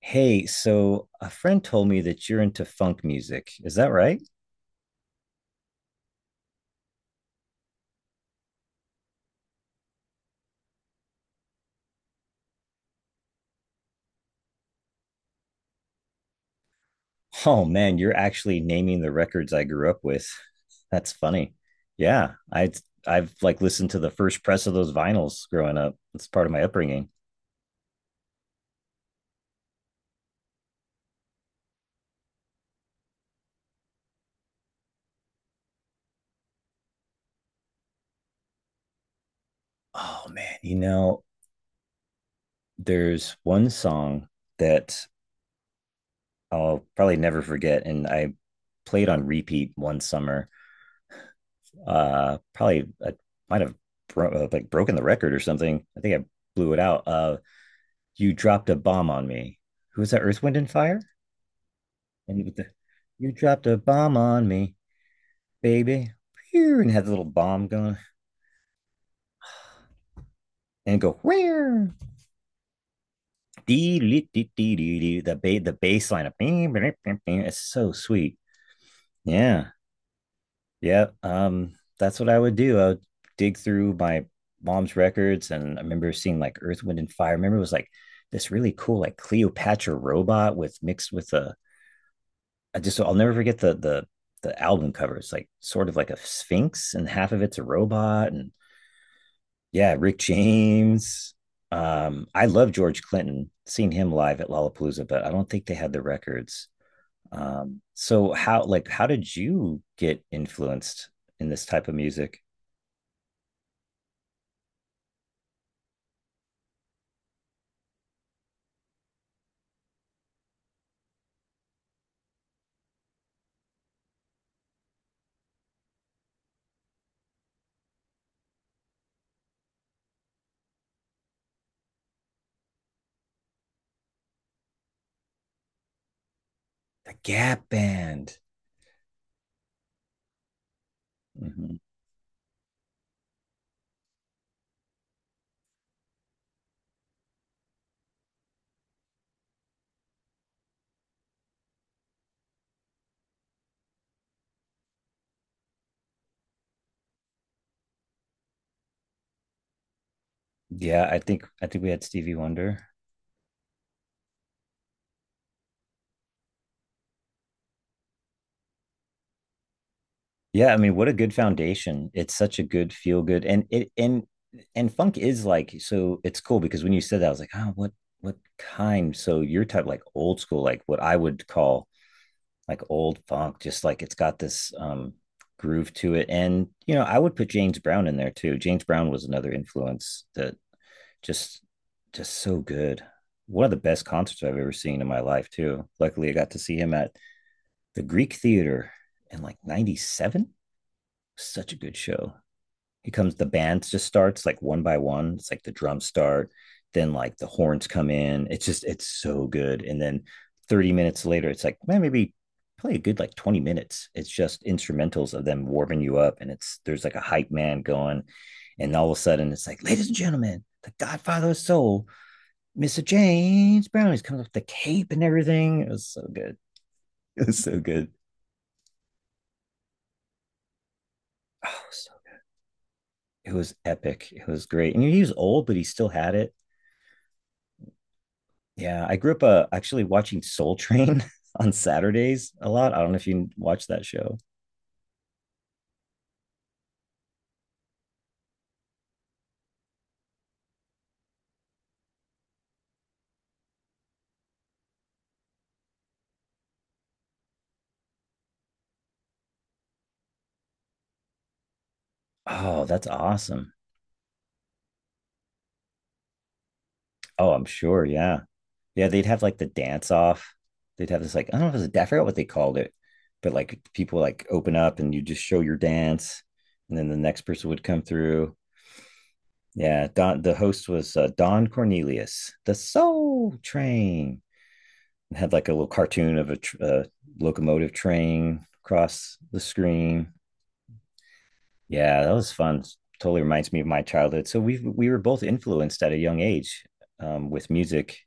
Hey, so a friend told me that you're into funk music. Is that right? Oh man, you're actually naming the records I grew up with. That's funny. Yeah, I've like listened to the first press of those vinyls growing up. It's part of my upbringing. Oh man, you know, there's one song that I'll probably never forget, and I played on repeat one summer. Probably I might have like broken the record or something. I think I blew it out. You dropped a bomb on me. Who was that? Earth, Wind, and Fire? And with the, you dropped a bomb on me, baby. And had the little bomb going and go where dee dee dee dee dee the bass line of it's so sweet. Yeah. Yeah. That's what I would do. I would dig through my mom's records and I remember seeing like Earth, Wind, and Fire. I remember it was like this really cool like Cleopatra robot with mixed with a I just I'll never forget the the album cover. It's like sort of like a sphinx, and half of it's a robot. And yeah, Rick James. I love George Clinton. Seen him live at Lollapalooza, but I don't think they had the records. So how like how did you get influenced in this type of music? The Gap Band. Hmm. Yeah, I think we had Stevie Wonder. Yeah, I mean, what a good foundation. It's such a good feel good and and funk is like so it's cool because when you said that I was like, "Oh, what kind?" So your type like old school, like what I would call like old funk, just like it's got this groove to it. And you know, I would put James Brown in there too. James Brown was another influence that just just so good. One of the best concerts I've ever seen in my life too. Luckily, I got to see him at the Greek Theater in like '97. Such a good show. It comes, the band just starts like one by one. It's like the drums start, then like the horns come in. It's just, it's so good. And then 30 minutes later, it's like, man, maybe play a good like 20 minutes. It's just instrumentals of them warming you up. And it's, there's like a hype man going. And all of a sudden, it's like, ladies and gentlemen, the Godfather of Soul, Mr. James Brown. He's coming up with the cape and everything. It was so good. It was so good. Oh, so, it was epic. It was great. And he was old, but he still had it. Yeah, I grew up actually watching Soul Train on Saturdays a lot. I don't know if you watch that show. Oh, that's awesome. Oh, I'm sure. Yeah. Yeah, they'd have like the dance off. They'd have this like I don't know if it was a I forgot what they called it, but like people like open up and you just show your dance, and then the next person would come through. Yeah, Don the host was Don Cornelius, the Soul Train, and had like a little cartoon of a locomotive train across the screen. Yeah, that was fun. Totally reminds me of my childhood. So we were both influenced at a young age with music.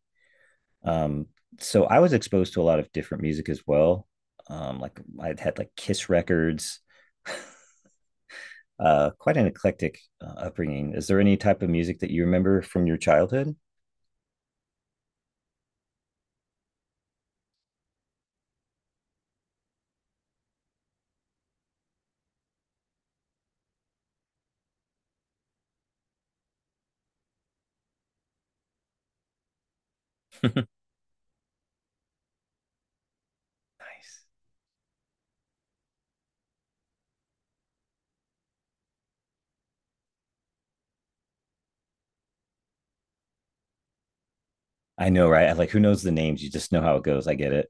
Um, so I was exposed to a lot of different music as well. Like I had like Kiss records. Quite an eclectic upbringing. Is there any type of music that you remember from your childhood? Nice. I know, right? Like, who knows the names? You just know how it goes. I get it.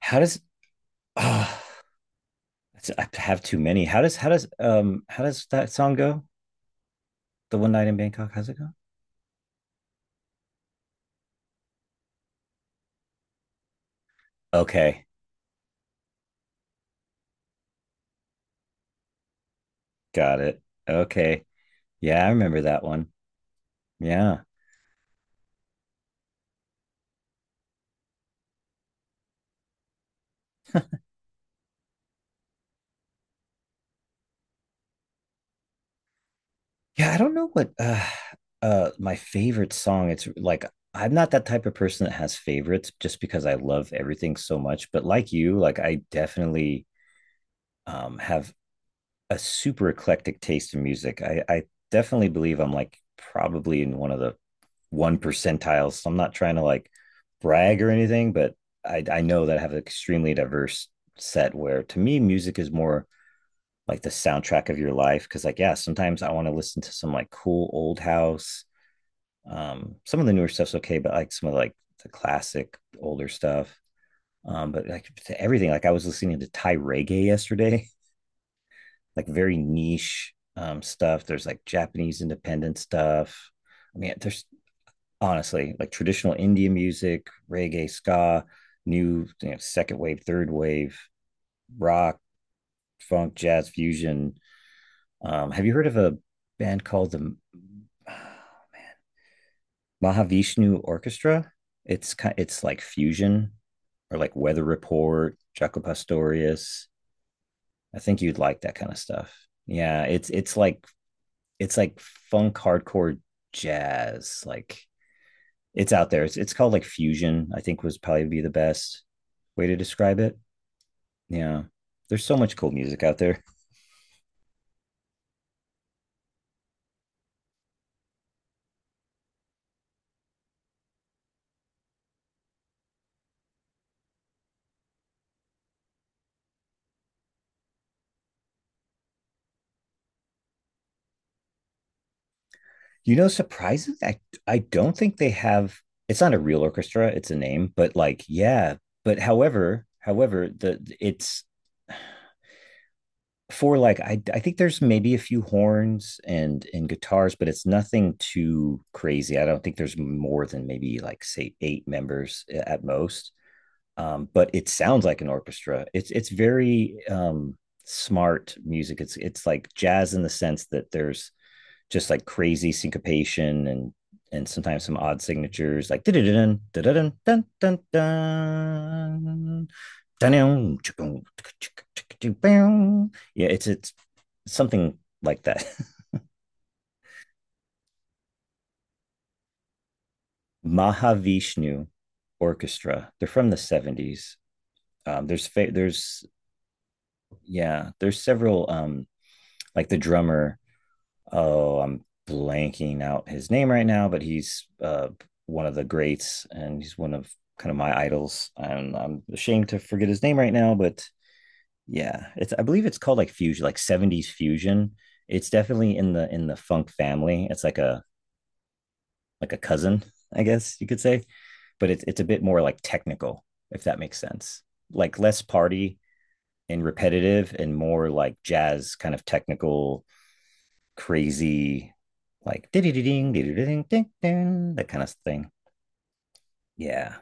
How does? Ah. I have too many. How does that song go? The one night in Bangkok. How's it go? Okay, got it. Okay, yeah, I remember that one. Yeah, yeah. I don't know what my favorite song. It's like I'm not that type of person that has favorites just because I love everything so much. But like you, like I definitely have a super eclectic taste in music. I definitely believe I'm like probably in one of the one percentiles. So I'm not trying to like brag or anything, but I know that I have an extremely diverse set where to me, music is more like the soundtrack of your life. Cause like, yeah, sometimes I want to listen to some like cool old house. Some of the newer stuff's okay, but like some of like the classic older stuff. But like to everything, like I was listening to Thai reggae yesterday. Like very niche stuff. There's like Japanese independent stuff. I mean, there's honestly like traditional Indian music, reggae, ska, new you know, second wave, third wave, rock, funk, jazz fusion. Have you heard of a band called the Mahavishnu Orchestra? It's kind, it's like fusion or like Weather Report, Jaco Pastorius. I think you'd like that kind of stuff. Yeah, it's like it's like funk hardcore jazz. Like it's out there. It's called like fusion. I think was probably be the best way to describe it. Yeah, there's so much cool music out there. You know, surprisingly, I don't think they have. It's not a real orchestra. It's a name, but like, yeah. But however, however, the it's for like I think there's maybe a few horns and guitars, but it's nothing too crazy. I don't think there's more than maybe like say eight members at most. But it sounds like an orchestra. It's very smart music. It's like jazz in the sense that there's just like crazy syncopation and sometimes some odd signatures like da da da dun dun dun dun dun yeah, it's something like that. Mahavishnu Orchestra. They're from the 70s. There's fa- there's yeah, there's several like the drummer, oh, I'm blanking out his name right now, but he's one of the greats and he's one of kind of my idols. And I'm ashamed to forget his name right now, but yeah, it's I believe it's called like fusion, like 70s fusion. It's definitely in the funk family. It's like a cousin, I guess you could say. But it's a bit more like technical, if that makes sense. Like less party and repetitive and more like jazz kind of technical, crazy, like ding ding ding ding ding that kind of thing. Yeah.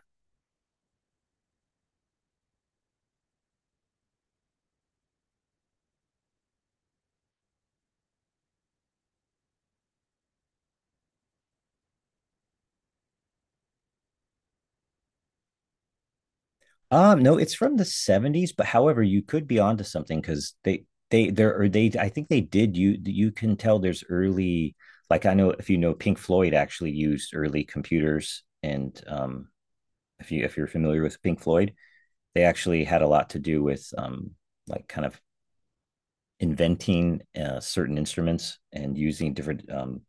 No, it's from the 70s, but however, you could be onto something because they there are they I think they did you you can tell there's early like I know if you know Pink Floyd actually used early computers and if you if you're familiar with Pink Floyd, they actually had a lot to do with like kind of inventing certain instruments and using different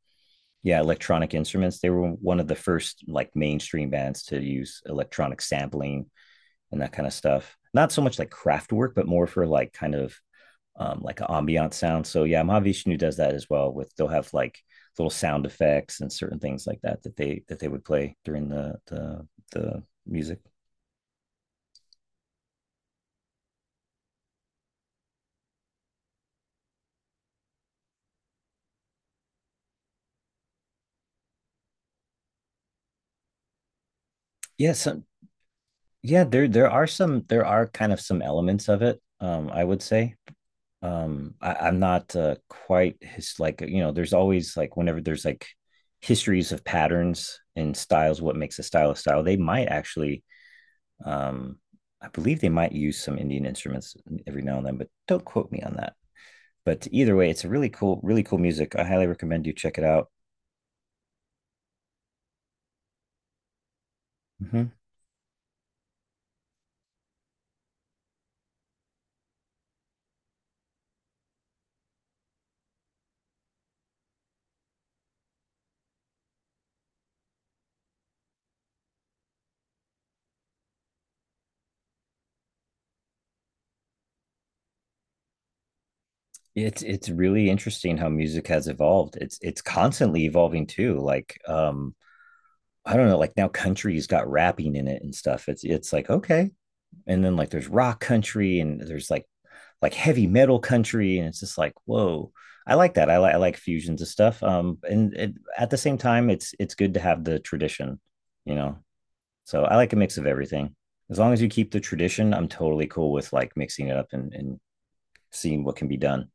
yeah electronic instruments they were one of the first like mainstream bands to use electronic sampling and that kind of stuff not so much like craft work but more for like kind of like an ambient sound so yeah mahavishnu does that as well with they'll have like little sound effects and certain things like that that they would play during the music Yes. Yeah so yeah, there are some there are kind of some elements of it, I would say. I'm not quite his like you know, there's always like whenever there's like histories of patterns and styles, what makes a style, they might actually um I believe they might use some Indian instruments every now and then, but don't quote me on that. But either way, it's a really cool, really cool music. I highly recommend you check it out. Hmm. It's really interesting how music has evolved. It's constantly evolving too. Like I don't know, like now country's got rapping in it and stuff. It's like okay, and then like there's rock country and there's like heavy metal country, and it's just like whoa. I like that. I like fusions of stuff. And it, at the same time, it's good to have the tradition, you know. So I like a mix of everything. As long as you keep the tradition, I'm totally cool with like mixing it up and seeing what can be done.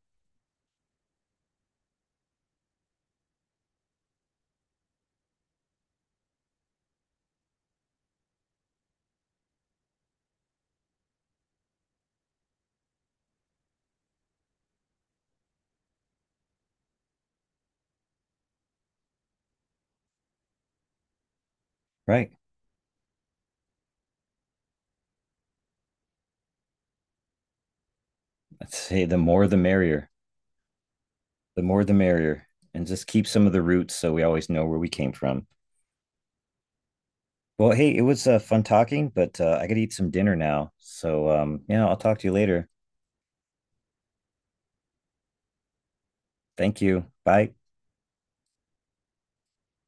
Right. I'd say the more the merrier. The more the merrier. And just keep some of the roots so we always know where we came from. Well, hey, it was fun talking, but I to eat some dinner now. So, yeah, I'll talk to you later. Thank you. Bye.